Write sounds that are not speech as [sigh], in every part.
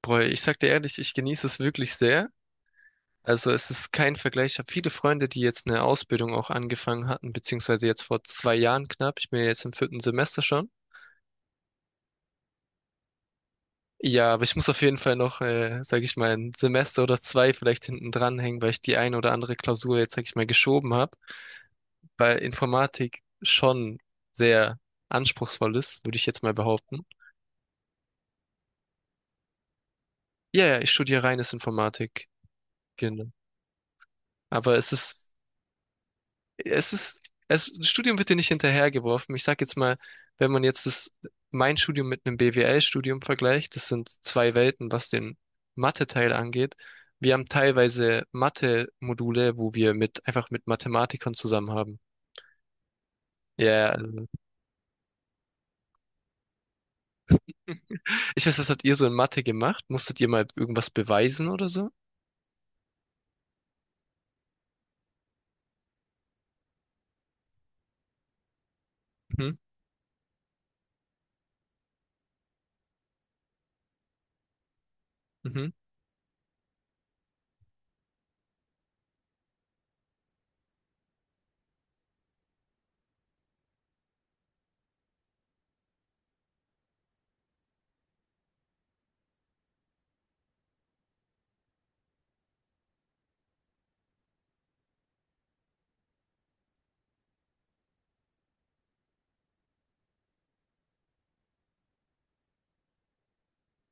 Boah, ich sag dir ehrlich, ich genieße es wirklich sehr. Also es ist kein Vergleich. Ich habe viele Freunde, die jetzt eine Ausbildung auch angefangen hatten, beziehungsweise jetzt vor 2 Jahren knapp. Ich bin ja jetzt im vierten Semester schon. Ja, aber ich muss auf jeden Fall noch, sag ich mal, 1 Semester oder 2 vielleicht hinten dran hängen, weil ich die eine oder andere Klausur jetzt, sag ich mal, geschoben habe, weil Informatik schon sehr anspruchsvoll ist, würde ich jetzt mal behaupten. Ja, ja, ich studiere reines Informatik. Genau. Aber es ist, das Studium wird dir nicht hinterhergeworfen. Ich sag jetzt mal, wenn man jetzt das, mein Studium mit einem BWL-Studium vergleicht, das sind zwei Welten, was den Mathe-Teil angeht. Wir haben teilweise Mathe-Module, wo wir mit, einfach mit Mathematikern zusammen haben. Ja, mhm. Ich weiß, was habt ihr so in Mathe gemacht? Musstet ihr mal irgendwas beweisen oder so? Mhm, mhm,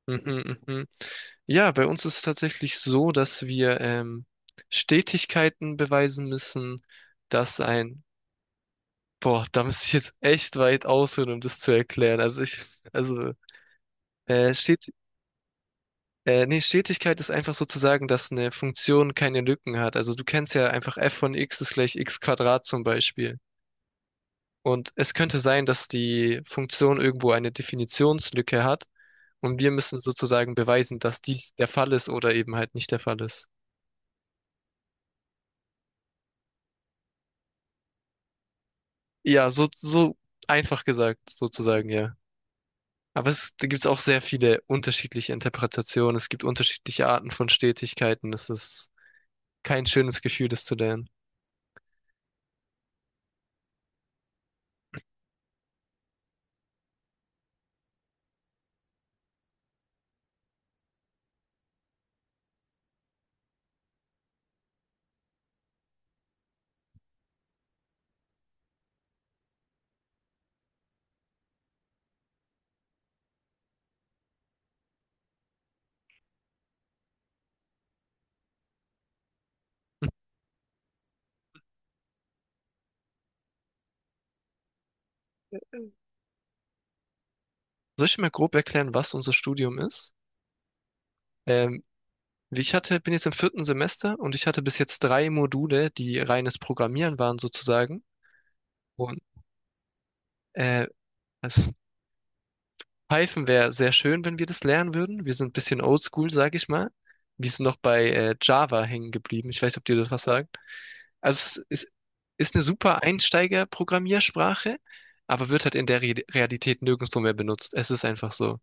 mhm, mhm. Ja, bei uns ist es tatsächlich so, dass wir Stetigkeiten beweisen müssen, dass ein — Boah, da müsste ich jetzt echt weit ausholen, um das zu erklären. Also ich, also steht, nee, Stetigkeit ist einfach sozusagen, dass eine Funktion keine Lücken hat. Also du kennst ja einfach f von x ist gleich x Quadrat zum Beispiel. Und es könnte sein, dass die Funktion irgendwo eine Definitionslücke hat und wir müssen sozusagen beweisen, dass dies der Fall ist oder eben halt nicht der Fall ist. Ja, so, so einfach gesagt, sozusagen, ja. Aber es, da gibt es auch sehr viele unterschiedliche Interpretationen. Es gibt unterschiedliche Arten von Stetigkeiten. Es ist kein schönes Gefühl, das zu lernen. Soll ich mal grob erklären, was unser Studium ist? Ähm, Wie ich hatte, bin jetzt im vierten Semester und ich hatte bis jetzt drei Module, die reines Programmieren waren sozusagen. Und äh, das Python wäre sehr schön, wenn wir das lernen würden. Wir sind ein bisschen oldschool, sage ich mal. Wir sind noch bei Java hängen geblieben. Ich weiß nicht, ob dir das was sagt. Also es ist eine super Einsteiger-Programmiersprache, aber wird halt in der Re Realität nirgendwo mehr benutzt. Es ist einfach so.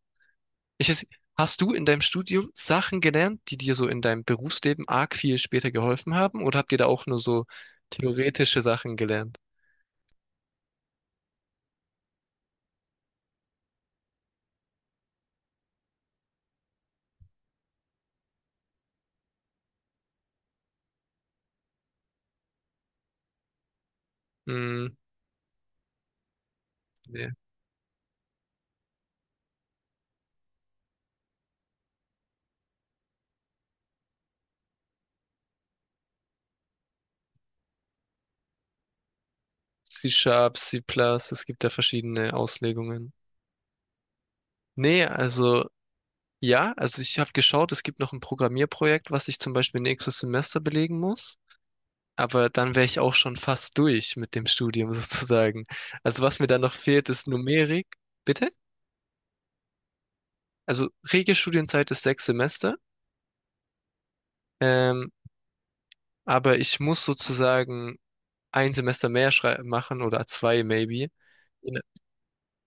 Ich, weiß- Hast du in deinem Studium Sachen gelernt, die dir so in deinem Berufsleben arg viel später geholfen haben? Oder habt ihr da auch nur so theoretische Sachen gelernt? Hm, nee. C-Sharp, C++, es gibt da verschiedene Auslegungen. Nee, also ja, also ich habe geschaut, es gibt noch ein Programmierprojekt, was ich zum Beispiel nächstes Semester belegen muss. Aber dann wäre ich auch schon fast durch mit dem Studium [laughs] sozusagen. Also was mir dann noch fehlt, ist Numerik. Bitte? Also Regelstudienzeit ist 6 Semester. Ähm, aber ich muss sozusagen ein Semester mehr machen oder zwei maybe. In-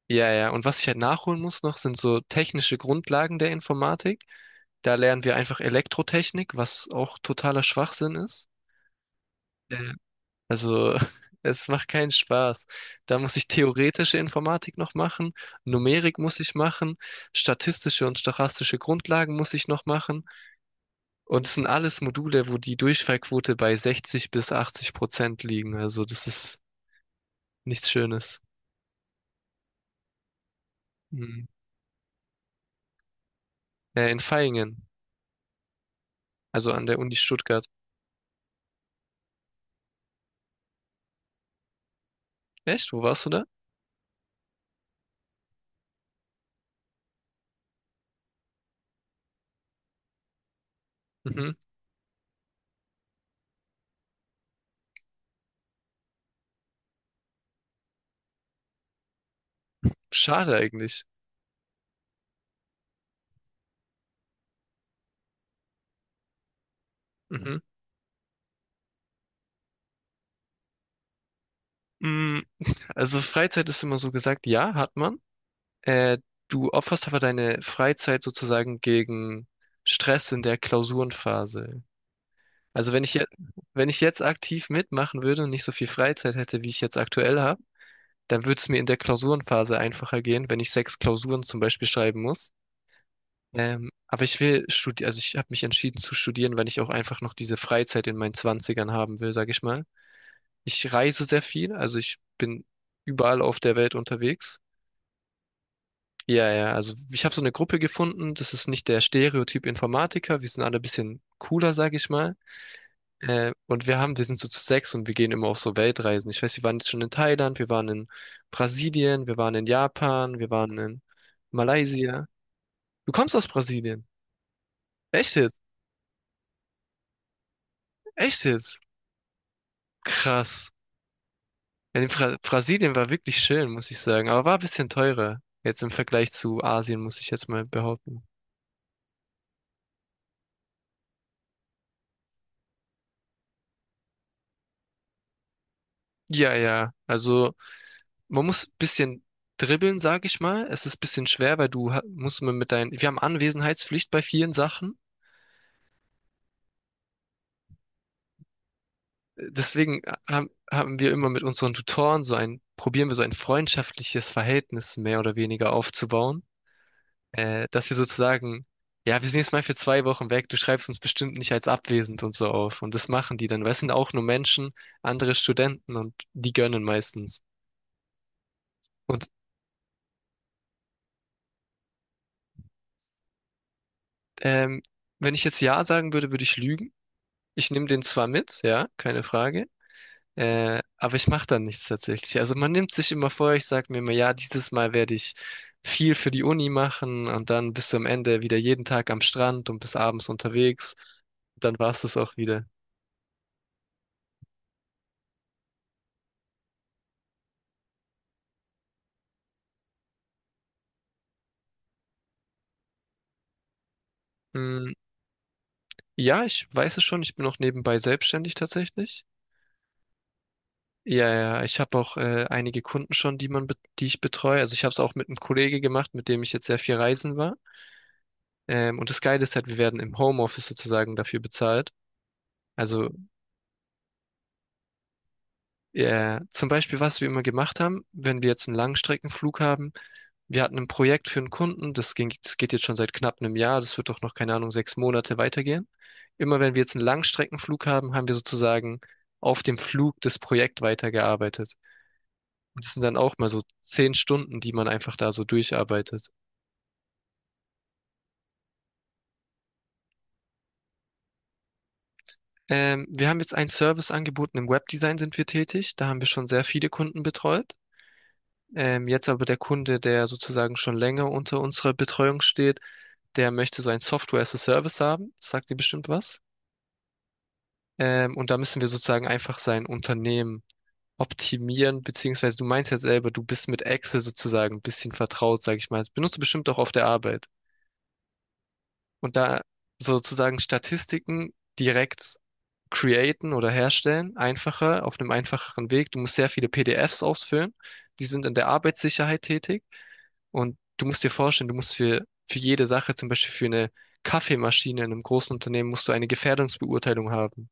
Ja, ja. Und was ich halt nachholen muss noch, sind so technische Grundlagen der Informatik. Da lernen wir einfach Elektrotechnik, was auch totaler Schwachsinn ist. Ja. Also, [laughs] es macht keinen Spaß. Da muss ich theoretische Informatik noch machen, Numerik muss ich machen, statistische und stochastische Grundlagen muss ich noch machen. Und es sind alles Module, wo die Durchfallquote bei 60 bis 80% liegen. Also, das ist nichts Schönes. Mhm. In Vaihingen, also an der Uni Stuttgart. Echt? Wo warst du da? Mhm. Schade eigentlich. Mhm. Mm, Also Freizeit ist immer so gesagt, ja, hat man. Äh, Du opferst aber deine Freizeit sozusagen gegen Stress in der Klausurenphase. Also wenn ich jetzt aktiv mitmachen würde und nicht so viel Freizeit hätte, wie ich jetzt aktuell habe, dann würde es mir in der Klausurenphase einfacher gehen, wenn ich sechs Klausuren zum Beispiel schreiben muss. Aber ich will studieren, also ich habe mich entschieden zu studieren, weil ich auch einfach noch diese Freizeit in meinen Zwanzigern haben will, sage ich mal. Ich reise sehr viel, also ich bin überall auf der Welt unterwegs. Ja, ja, also ich habe so eine Gruppe gefunden, das ist nicht der Stereotyp Informatiker, wir sind alle ein bisschen cooler, sag ich mal. Und wir sind so zu sechs und wir gehen immer auf so Weltreisen. Ich weiß, wir waren jetzt schon in Thailand, wir waren in Brasilien, wir waren in Japan, wir waren in Malaysia. Du kommst aus Brasilien. Echt jetzt? Echt jetzt? Krass. Ja, die Brasilien war wirklich schön, muss ich sagen, aber war ein bisschen teurer. Jetzt im Vergleich zu Asien, muss ich jetzt mal behaupten. Ja, ja, also. Man muss ein bisschen dribbeln, sage ich mal. Es ist ein bisschen schwer, weil musst man mit deinen, wir haben Anwesenheitspflicht bei vielen Sachen. Deswegen haben wir immer mit unseren Tutoren so ein, probieren wir so ein freundschaftliches Verhältnis mehr oder weniger aufzubauen, dass wir sozusagen, ja, wir sind jetzt mal für 2 Wochen weg, du schreibst uns bestimmt nicht als abwesend und so auf. Und das machen die dann, weil es sind auch nur Menschen, andere Studenten und die gönnen meistens. Und ähm, wenn ich jetzt Ja sagen würde, würde ich lügen. Ich nehme den zwar mit, ja, keine Frage. Aber ich mache dann nichts tatsächlich. Also man nimmt sich immer vor, ich sage mir immer, ja, dieses Mal werde ich viel für die Uni machen und dann bist du am Ende wieder jeden Tag am Strand und bis abends unterwegs. Dann war es das auch wieder. Hm, ja, ich weiß es schon, ich bin auch nebenbei selbstständig tatsächlich. Ja, ja, ich habe auch einige Kunden schon, die ich betreue. Also ich habe es auch mit einem Kollege gemacht, mit dem ich jetzt sehr viel reisen war. Und das Geile ist halt, wir werden im Homeoffice sozusagen dafür bezahlt. Also ja, zum Beispiel, was wir immer gemacht haben, wenn wir jetzt einen Langstreckenflug haben, wir hatten ein Projekt für einen Kunden, das ging, das geht jetzt schon seit knapp einem Jahr, das wird doch noch, keine Ahnung, 6 Monate weitergehen. Immer wenn wir jetzt einen Langstreckenflug haben, haben wir sozusagen auf dem Flug das Projekt weitergearbeitet. Und das sind dann auch mal so 10 Stunden, die man einfach da so durcharbeitet. Wir haben jetzt einen Service angeboten, im Webdesign sind wir tätig, da haben wir schon sehr viele Kunden betreut. Jetzt aber der Kunde, der sozusagen schon länger unter unserer Betreuung steht, der möchte so ein Software as a Service haben, sagt dir bestimmt was. Und da müssen wir sozusagen einfach sein Unternehmen optimieren, beziehungsweise du meinst ja selber, du bist mit Excel sozusagen ein bisschen vertraut, sage ich mal. Das benutzt du bestimmt auch auf der Arbeit. Und da sozusagen Statistiken direkt createn oder herstellen, einfacher, auf einem einfacheren Weg. Du musst sehr viele PDFs ausfüllen, die sind in der Arbeitssicherheit tätig und du musst dir vorstellen, du musst für jede Sache, zum Beispiel für eine Kaffeemaschine in einem großen Unternehmen, musst du eine Gefährdungsbeurteilung haben.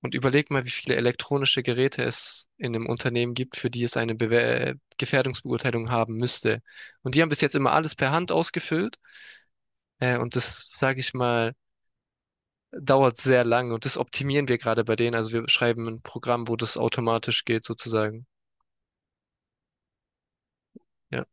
Und überleg mal, wie viele elektronische Geräte es in einem Unternehmen gibt, für die es eine Bewer Gefährdungsbeurteilung haben müsste. Und die haben bis jetzt immer alles per Hand ausgefüllt. Und das, sage ich mal, dauert sehr lang und das optimieren wir gerade bei denen. Also wir schreiben ein Programm, wo das automatisch geht, sozusagen. Ja.